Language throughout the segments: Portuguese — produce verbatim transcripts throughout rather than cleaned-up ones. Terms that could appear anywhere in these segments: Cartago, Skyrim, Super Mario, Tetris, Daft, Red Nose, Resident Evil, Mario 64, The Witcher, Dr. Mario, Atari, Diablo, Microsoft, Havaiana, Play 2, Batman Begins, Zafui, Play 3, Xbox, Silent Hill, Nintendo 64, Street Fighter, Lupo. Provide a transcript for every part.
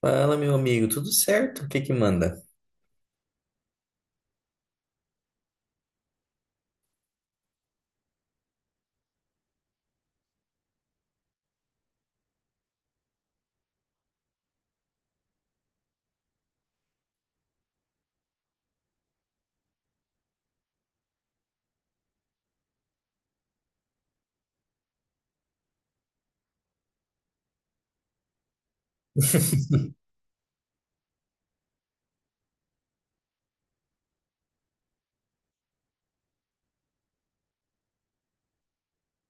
Fala, meu amigo, tudo certo? O que que manda?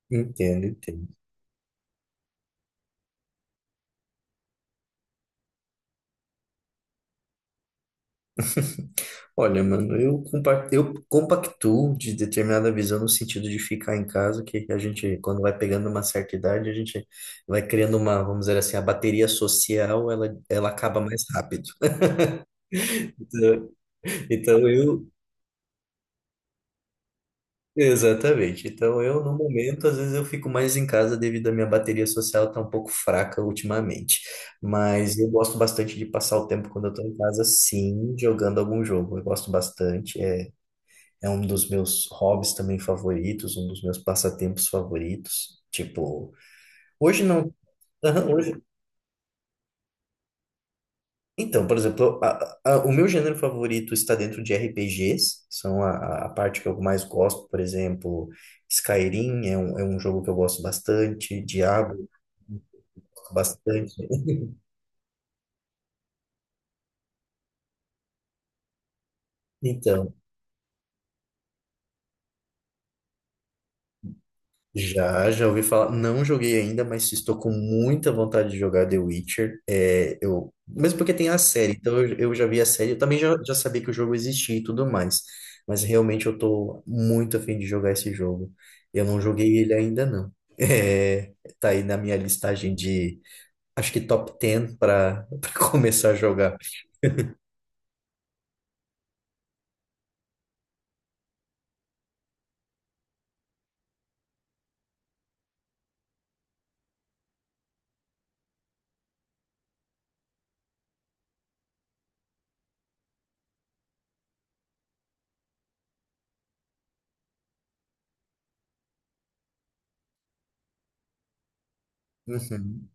Entendo, entendo. Olha, mano, eu, compa eu compactuo de determinada visão no sentido de ficar em casa, que a gente, quando vai pegando uma certa idade, a gente vai criando uma, vamos dizer assim, a bateria social, ela, ela acaba mais rápido. Então, então eu, Exatamente. Então, eu, no momento, às vezes eu fico mais em casa devido à minha bateria social tá um pouco fraca ultimamente. Mas eu gosto bastante de passar o tempo quando eu tô em casa, sim, jogando algum jogo. Eu gosto bastante. É, é um dos meus hobbies também favoritos, um dos meus passatempos favoritos. Tipo, hoje não. Aham, hoje, então, por exemplo, a- a- o meu gênero favorito está dentro de R P Gs, são a, a a parte que eu mais gosto. Por exemplo, Skyrim é um, é um jogo que eu gosto bastante. Diablo, gosto bastante. Então, já, já ouvi falar. Não joguei ainda, mas estou com muita vontade de jogar The Witcher. É, eu, mesmo porque tem a série, então eu, eu já vi a série. Eu também já, já sabia que o jogo existia e tudo mais. Mas realmente eu tô muito afim de jogar esse jogo. Eu não joguei ele ainda, não. É, tá aí na minha listagem de, acho que top dez para começar a jogar. Uhum,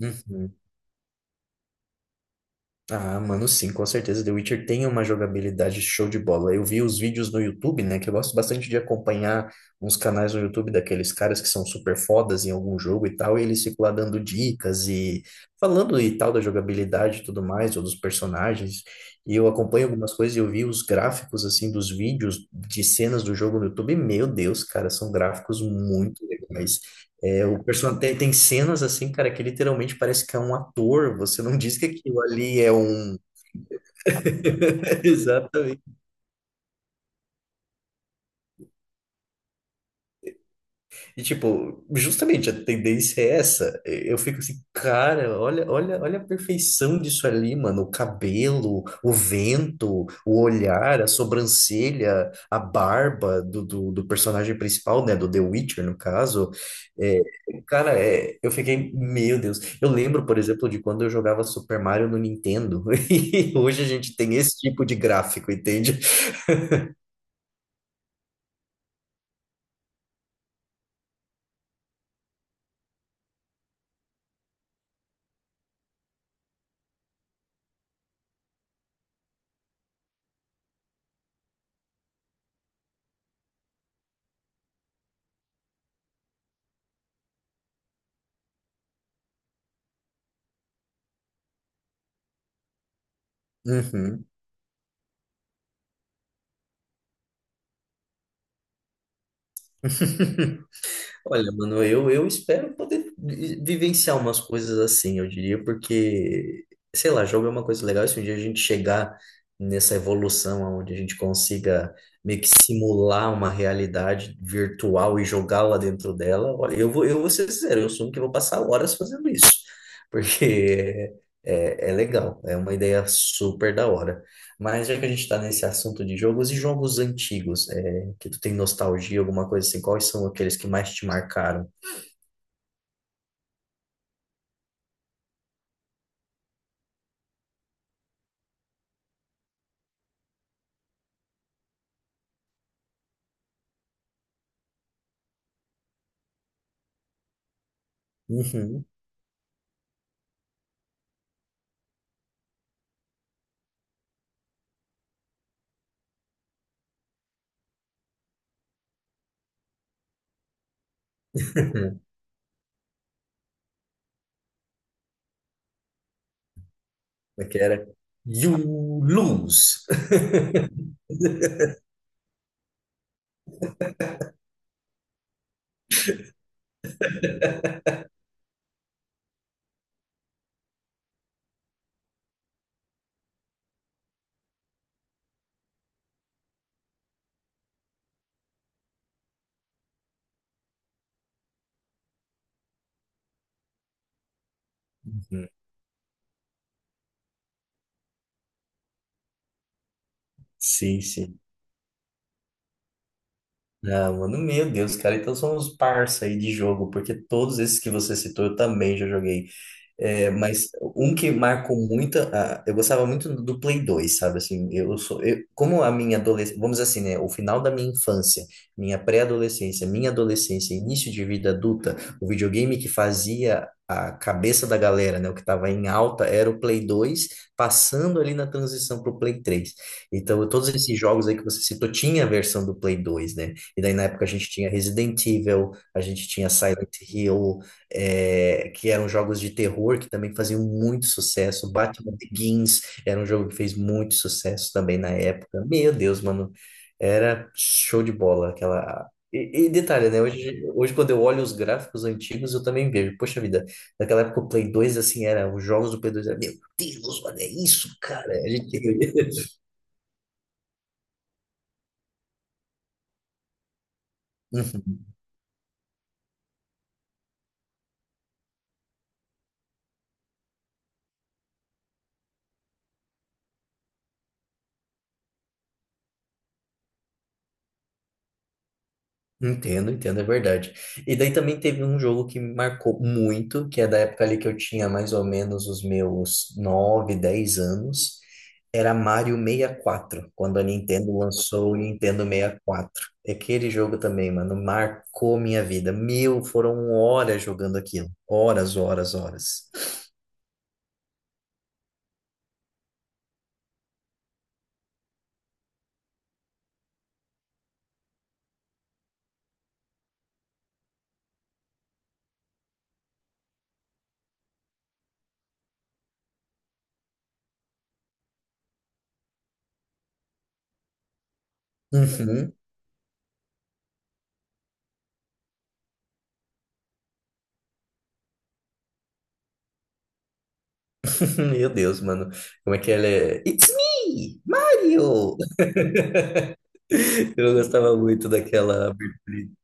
uhum. Ah, mano, sim, com certeza. The Witcher tem uma jogabilidade show de bola. Eu vi os vídeos no YouTube, né? Que eu gosto bastante de acompanhar uns canais no YouTube daqueles caras que são super fodas em algum jogo e tal, e eles ficam lá dando dicas e falando e tal da jogabilidade e tudo mais, ou dos personagens. E eu acompanho algumas coisas e eu vi os gráficos, assim, dos vídeos de cenas do jogo no YouTube. E, meu Deus, cara, são gráficos muito legais. É, o personagem tem, tem cenas assim, cara, que literalmente parece que é um ator. Você não diz que aquilo ali é um. Exatamente. E, tipo, justamente a tendência é essa. Eu fico assim, cara, olha, olha, olha a perfeição disso ali, mano. O cabelo, o vento, o olhar, a sobrancelha, a barba do, do, do personagem principal, né? Do The Witcher, no caso. É, cara, é, eu fiquei, meu Deus. Eu lembro, por exemplo, de quando eu jogava Super Mario no Nintendo. E hoje a gente tem esse tipo de gráfico, entende? Uhum. Olha, mano, eu, eu espero poder vi- vivenciar umas coisas assim, eu diria, porque, sei lá, jogo é uma coisa legal. e Se um dia a gente chegar nessa evolução onde a gente consiga meio que simular uma realidade virtual e jogá-la dentro dela, olha, eu vou, eu vou ser sincero, eu assumo que vou passar horas fazendo isso, porque é, é é legal, é uma ideia super da hora. Mas já que a gente está nesse assunto de jogos e jogos antigos, é, que tu tem nostalgia, alguma coisa assim, quais são aqueles que mais te marcaram? Uhum. Como é que era? You lose! Uhum. Sim, sim. Ah, mano, meu Deus, cara, então somos parça aí de jogo, porque todos esses que você citou eu também já joguei. É, mas um que marcou muito, ah, eu gostava muito do Play dois, sabe? Assim, eu sou, eu- como a minha adolescência, vamos dizer assim, né? O final da minha infância, minha pré-adolescência, minha adolescência, início de vida adulta, o videogame que fazia a cabeça da galera, né? O que estava em alta era o Play dois, passando ali na transição para o Play três. Então, todos esses jogos aí que você citou, tinha a versão do Play dois, né? E daí na época a gente tinha Resident Evil, a gente tinha Silent Hill, é, que eram jogos de terror que também faziam muito sucesso. Batman Begins era um jogo que fez muito sucesso também na época. Meu Deus, mano, era show de bola aquela. E, e detalhe, né? Hoje, hoje, quando eu olho os gráficos antigos, eu também vejo. Poxa vida, naquela época o Play dois, assim, era. Os jogos do Play dois era, meu Deus, olha isso, cara. A gente... Entendo, entendo, é verdade. E daí também teve um jogo que me marcou muito, que é da época ali que eu tinha mais ou menos os meus nove, dez anos. Era Mario sessenta e quatro, quando a Nintendo lançou o Nintendo sessenta e quatro. E quatro. E aquele jogo também, mano, marcou minha vida. Meu, foram horas jogando aquilo. Horas, horas, horas. Uhum. Meu Deus, mano. Como é que ela é? It's me, Mario! Eu gostava muito daquela abertura.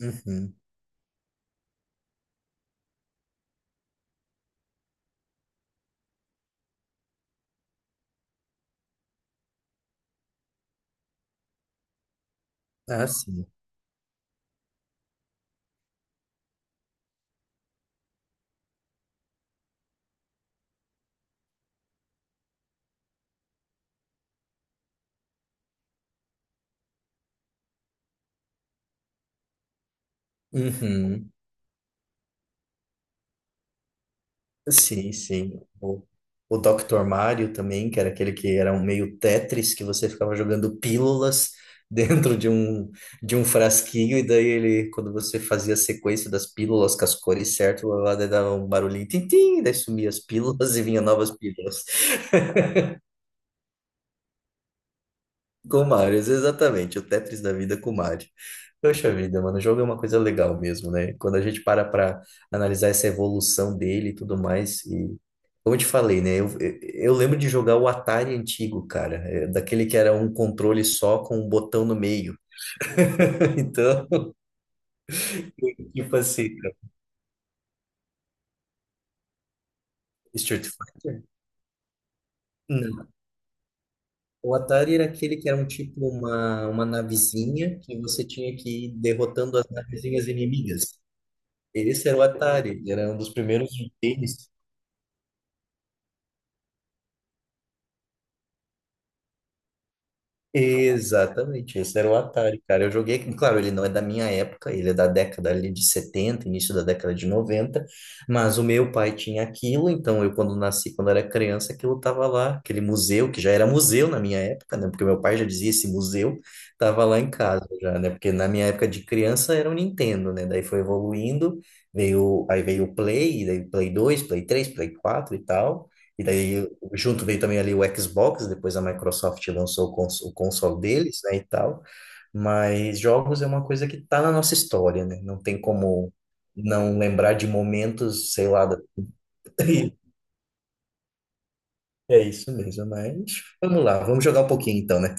Uhum. Ah, sim. Uhum. Sim, sim. O, o doutor Mario também, que era aquele que era um meio Tetris, que você ficava jogando pílulas dentro de um, de um frasquinho, e daí ele, quando você fazia a sequência das pílulas com as cores certas, lá daí dava um barulhinho, tim-tim, daí sumia as pílulas e vinha novas pílulas. Com Marios, exatamente, o Tetris da vida com Mario. Poxa vida, mano, o jogo é uma coisa legal mesmo, né? Quando a gente para pra analisar essa evolução dele e tudo mais, e como eu te falei, né? Eu, eu eu lembro de jogar o Atari antigo, cara, é, daquele que era um controle só com um botão no meio. Então, tipo assim, cara, Street Fighter? Não. O Atari era aquele que era um tipo uma, uma navezinha que você tinha que ir derrotando as navezinhas inimigas. Esse era o Atari, era um dos primeiros games. Exatamente, esse era o Atari, cara. Eu joguei, claro, ele não é da minha época, ele é da década ali de setenta, início da década de noventa. Mas o meu pai tinha aquilo, então eu quando nasci, quando era criança, aquilo tava lá, aquele museu, que já era museu na minha época, né? Porque meu pai já dizia esse museu, tava lá em casa já, né? Porque na minha época de criança era o Nintendo, né? Daí foi evoluindo, veio, aí veio o Play, daí Play dois, Play três, Play quatro e tal. E daí, junto veio também ali o Xbox, depois a Microsoft lançou o, cons o console deles, né, e tal. Mas jogos é uma coisa que tá na nossa história, né? Não tem como não lembrar de momentos, sei lá, da- É isso mesmo, mas vamos lá, vamos jogar um pouquinho então, né?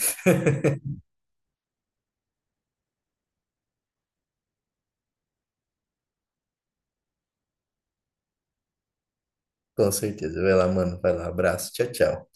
Com certeza. Vai lá, mano, vai lá, abraço, tchau, tchau.